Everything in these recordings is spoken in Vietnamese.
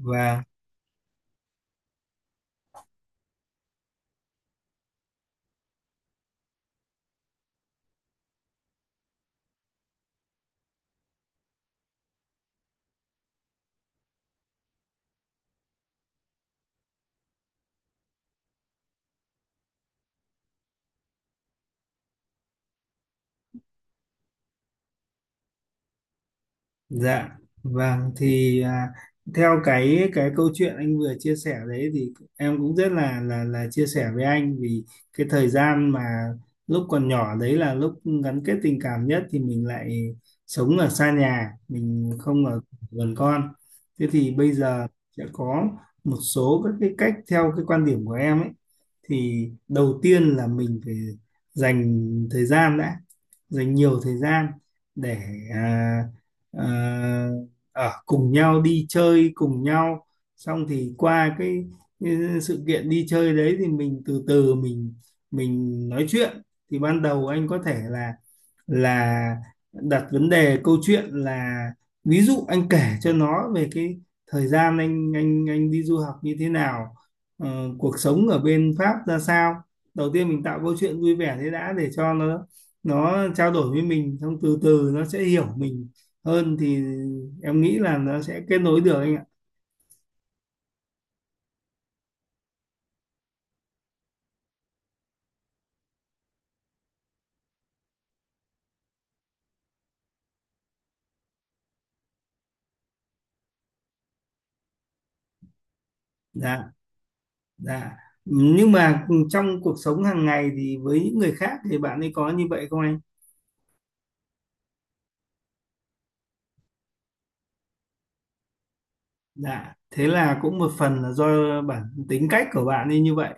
Và dạ, vâng, thì theo cái câu chuyện anh vừa chia sẻ đấy, thì em cũng rất là chia sẻ với anh. Vì cái thời gian mà lúc còn nhỏ đấy là lúc gắn kết tình cảm nhất thì mình lại sống ở xa nhà, mình không ở gần con. Thế thì bây giờ sẽ có một số các cái cách theo cái quan điểm của em ấy, thì đầu tiên là mình phải dành thời gian đã, dành nhiều thời gian để à, à, ở cùng nhau, đi chơi cùng nhau. Xong thì qua cái sự kiện đi chơi đấy thì mình từ từ mình nói chuyện. Thì ban đầu anh có thể là đặt vấn đề câu chuyện, là ví dụ anh kể cho nó về cái thời gian anh anh đi du học như thế nào, cuộc sống ở bên Pháp ra sao. Đầu tiên mình tạo câu chuyện vui vẻ thế đã, để cho nó trao đổi với mình, xong từ từ nó sẽ hiểu mình hơn, thì em nghĩ là nó sẽ kết nối được anh ạ. Dạ, dạ, nhưng mà trong cuộc sống hàng ngày thì với những người khác thì bạn ấy có như vậy không anh? Dạ, thế là cũng một phần là do bản tính cách của bạn ấy như vậy.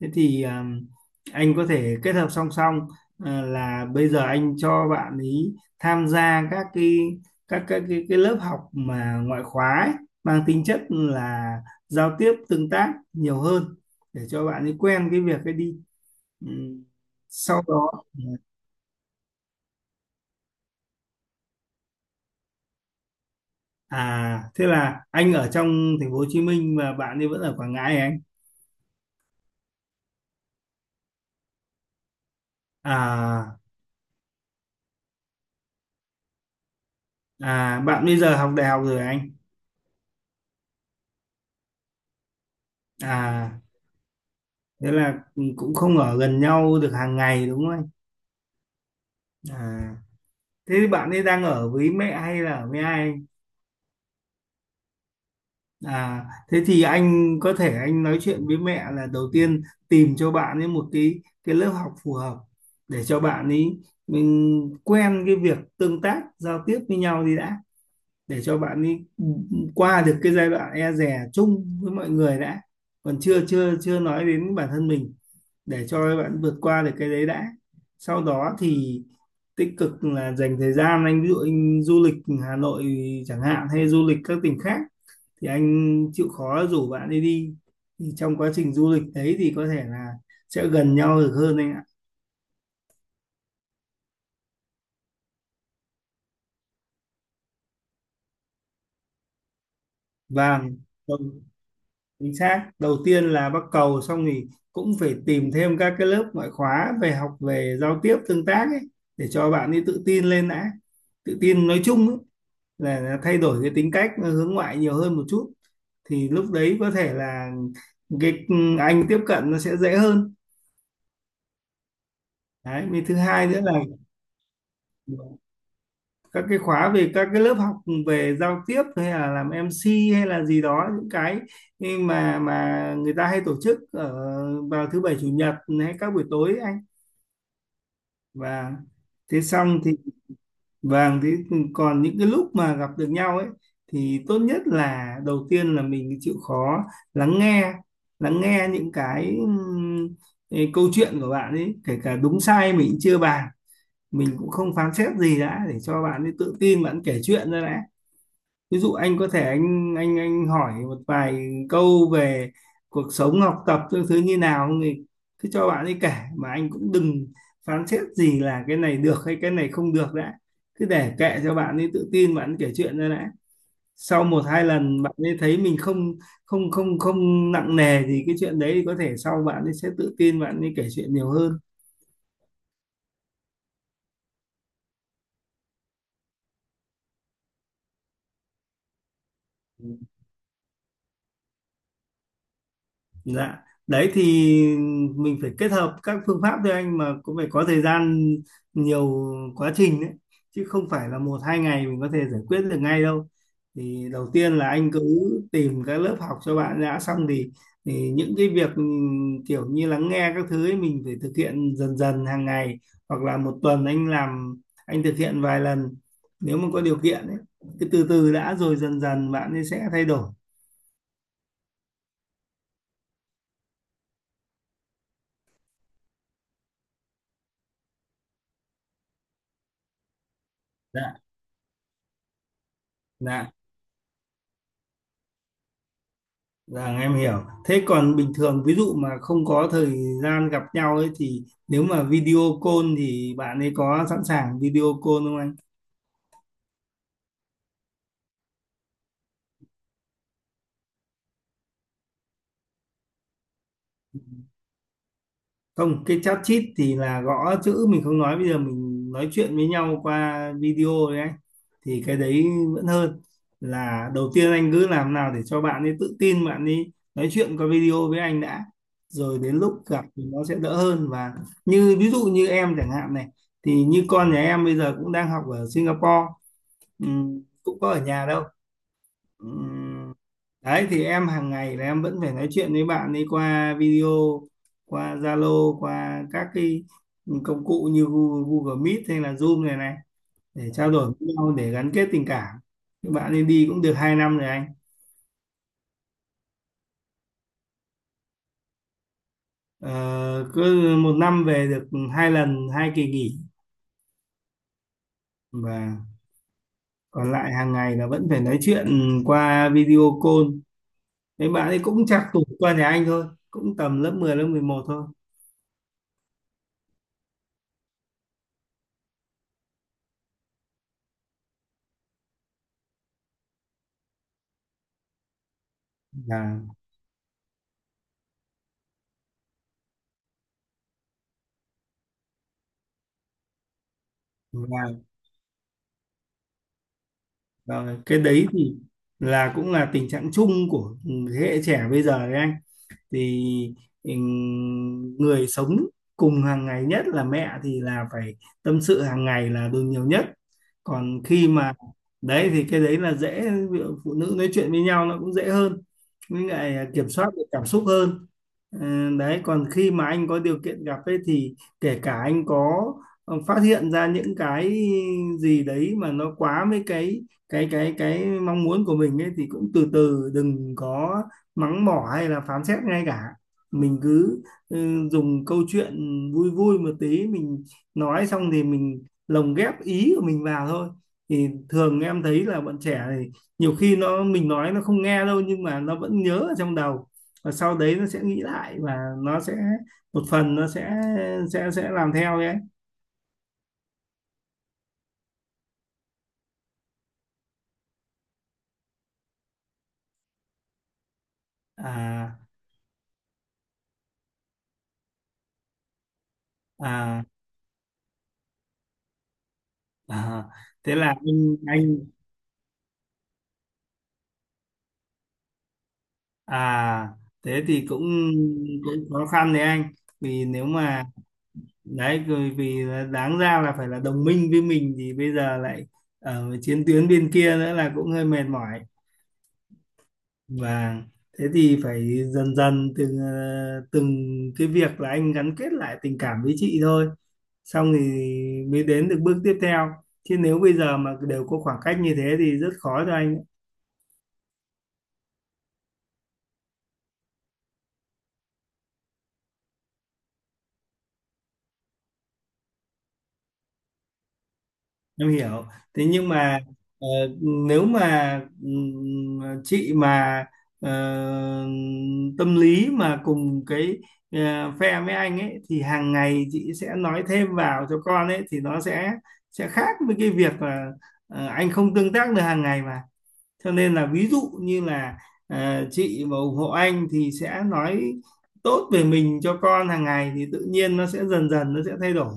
Thế thì anh có thể kết hợp song song, là bây giờ anh cho bạn ý tham gia các cái lớp học mà ngoại khóa ấy, mang tính chất là giao tiếp tương tác nhiều hơn, để cho bạn ấy quen cái việc ấy đi. Ừ. Sau đó, à thế là anh ở trong thành phố Hồ Chí Minh và bạn ấy vẫn ở Quảng Ngãi hả anh? À, à bạn bây giờ học đại học rồi hả anh? À thế là cũng không ở gần nhau được hàng ngày đúng không? À, thế bạn ấy đang ở với mẹ hay là ở với ai? À, thế thì anh có thể anh nói chuyện với mẹ, là đầu tiên tìm cho bạn ấy một cái lớp học phù hợp, để cho bạn ấy mình quen cái việc tương tác giao tiếp với nhau đi đã, để cho bạn ấy qua được cái giai đoạn e dè chung với mọi người đã, còn chưa chưa chưa nói đến bản thân mình, để cho bạn vượt qua được cái đấy đã. Sau đó thì tích cực là dành thời gian, anh ví dụ anh du lịch Hà Nội chẳng hạn, hay du lịch các tỉnh khác, thì anh chịu khó rủ bạn đi đi, thì trong quá trình du lịch đấy thì có thể là sẽ gần nhau được hơn anh ạ. Vâng, vâng. Chính xác, đầu tiên là bắt cầu, xong thì cũng phải tìm thêm các cái lớp ngoại khóa về học, về giao tiếp tương tác ấy, để cho bạn ấy tự tin lên đã. Tự tin nói chung ấy, là thay đổi cái tính cách nó, hướng ngoại nhiều hơn một chút, thì lúc đấy có thể là cái anh tiếp cận nó sẽ dễ hơn. Đấy, với thứ hai nữa là các cái khóa, về các cái lớp học về giao tiếp, hay là làm em MC hay là gì đó, những cái mà người ta hay tổ chức ở vào thứ bảy chủ nhật hay các buổi tối ấy anh. Và thế xong thì, vàng thế, còn những cái lúc mà gặp được nhau ấy thì tốt nhất là đầu tiên là mình chịu khó lắng nghe, lắng nghe những cái câu chuyện của bạn ấy, kể cả đúng sai mình cũng chưa bàn, mình cũng không phán xét gì đã, để cho bạn ấy tự tin bạn kể chuyện ra đã. Ví dụ anh có thể anh hỏi một vài câu về cuộc sống, học tập các thứ như nào, thì cứ cho bạn ấy kể, mà anh cũng đừng phán xét gì là cái này được hay cái này không được đã, cứ để kệ cho bạn ấy tự tin bạn ấy kể chuyện ra đã. Sau một hai lần bạn ấy thấy mình không không không không nặng nề gì cái chuyện đấy thì có thể sau bạn ấy sẽ tự tin bạn ấy kể chuyện nhiều hơn. Dạ, đấy thì mình phải kết hợp các phương pháp thôi anh, mà cũng phải có thời gian nhiều, quá trình đấy, chứ không phải là một hai ngày mình có thể giải quyết được ngay đâu. Thì đầu tiên là anh cứ tìm các lớp học cho bạn đã, xong thì những cái việc kiểu như lắng nghe các thứ ấy mình phải thực hiện dần dần hàng ngày, hoặc là một tuần anh anh thực hiện vài lần nếu mà có điều kiện ấy, cứ từ từ đã rồi dần dần bạn ấy sẽ thay đổi. Dạ. Dạ. Vâng, em hiểu. Thế còn bình thường ví dụ mà không có thời gian gặp nhau ấy thì nếu mà video call thì bạn ấy có sẵn sàng video call không anh? Không, cái chat chít thì là gõ chữ, mình không nói, bây giờ mình nói chuyện với nhau qua video đấy anh. Thì cái đấy vẫn hơn, là đầu tiên anh cứ làm nào để cho bạn ấy tự tin bạn ấy nói chuyện qua video với anh đã. Rồi đến lúc gặp thì nó sẽ đỡ hơn. Và như ví dụ như em chẳng hạn này, thì như con nhà em bây giờ cũng đang học ở Singapore. Cũng có ở nhà đâu. Ừm, đấy thì em hàng ngày là em vẫn phải nói chuyện với bạn ấy qua video, qua Zalo, qua các cái công cụ như Google, Google Meet hay là Zoom này này, để trao đổi với nhau, để gắn kết tình cảm. Bạn ấy đi cũng được 2 năm rồi anh. Ờ, cứ một năm về được hai lần, hai kỳ nghỉ. Và còn lại hàng ngày là vẫn phải nói chuyện qua video call. Mấy bạn ấy cũng trạc tuổi qua nhà anh thôi, cũng tầm lớp mười, lớp mười một thôi. Là là Rồi, cái đấy thì cũng là tình trạng chung của thế hệ trẻ bây giờ đấy anh. Thì người sống cùng hàng ngày nhất là mẹ thì là phải tâm sự hàng ngày là đương nhiều nhất. Còn khi mà đấy thì cái đấy là dễ, ví dụ phụ nữ nói chuyện với nhau nó cũng dễ hơn, với lại kiểm soát được cảm xúc hơn. Ờ, đấy còn khi mà anh có điều kiện gặp ấy, thì kể cả anh có phát hiện ra những cái gì đấy mà nó quá với cái mong muốn của mình ấy, thì cũng từ từ đừng có mắng mỏ hay là phán xét, ngay cả mình cứ dùng câu chuyện vui vui một tí, mình nói xong thì mình lồng ghép ý của mình vào thôi. Thì thường em thấy là bọn trẻ thì nhiều khi mình nói nó không nghe đâu, nhưng mà nó vẫn nhớ ở trong đầu, và sau đấy nó sẽ nghĩ lại, và nó sẽ một phần nó sẽ làm theo đấy. À, à, à thế là anh à thế thì cũng cũng khó khăn đấy anh. Vì nếu mà đấy, rồi vì là đáng ra là phải là đồng minh với mình thì bây giờ lại ở chiến tuyến bên kia nữa, là cũng hơi mệt mỏi. Và thế thì phải dần dần từng từng cái việc là anh gắn kết lại tình cảm với chị thôi, xong thì mới đến được bước tiếp theo, chứ nếu bây giờ mà đều có khoảng cách như thế thì rất khó cho anh. Em hiểu, thế nhưng mà ờ, nếu mà chị mà ờ, tâm lý mà cùng cái phe với anh ấy, thì hàng ngày chị sẽ nói thêm vào cho con ấy thì nó sẽ khác với cái việc là anh không tương tác được hàng ngày mà, cho nên là ví dụ như là chị mà ủng hộ anh thì sẽ nói tốt về mình cho con hàng ngày, thì tự nhiên nó sẽ dần dần nó sẽ thay đổi.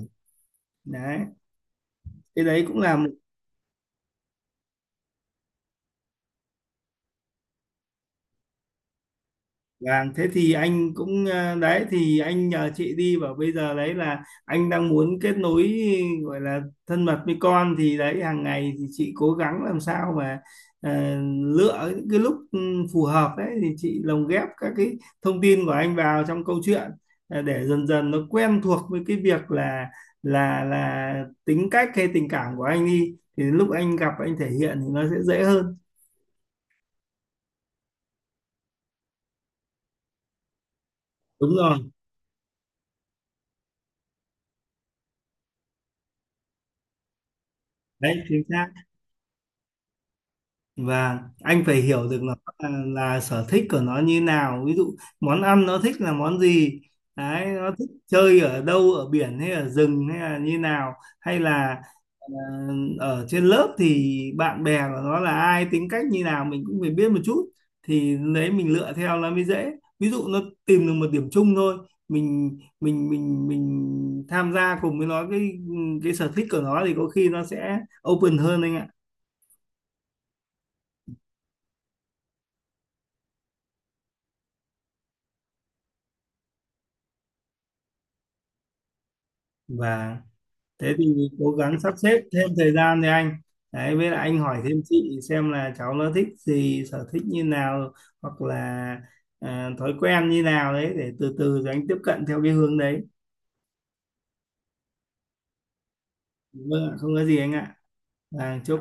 Đấy, cái đấy cũng là một. Vâng, thế thì anh cũng đấy thì anh nhờ chị đi, và bây giờ đấy là anh đang muốn kết nối gọi là thân mật với con, thì đấy hàng ngày thì chị cố gắng làm sao mà ờ, lựa những cái lúc phù hợp đấy thì chị lồng ghép các cái thông tin của anh vào trong câu chuyện, để dần dần nó quen thuộc với cái việc là là là tính cách hay tình cảm của anh đi, thì lúc anh gặp anh thể hiện thì nó sẽ dễ hơn. Đúng rồi, đấy chính xác. Và anh phải hiểu được nó là sở thích của nó như nào, ví dụ món ăn nó thích là món gì, đấy nó thích chơi ở đâu, ở biển hay ở rừng hay là như nào, hay là ờ, ở trên lớp thì bạn bè của nó là ai, tính cách như nào mình cũng phải biết một chút, thì đấy mình lựa theo nó mới dễ. Ví dụ nó tìm được một điểm chung thôi, mình mình tham gia cùng với nó cái sở thích của nó, thì có khi nó sẽ open hơn anh ạ. Và thế thì cố gắng sắp xếp thêm thời gian đi anh. Đấy với lại anh hỏi thêm chị xem là cháu nó thích gì, sở thích như nào, hoặc là thói quen như nào đấy, để từ từ rồi anh tiếp cận theo cái hướng đấy. Vâng ạ, không có gì anh ạ. Và chúc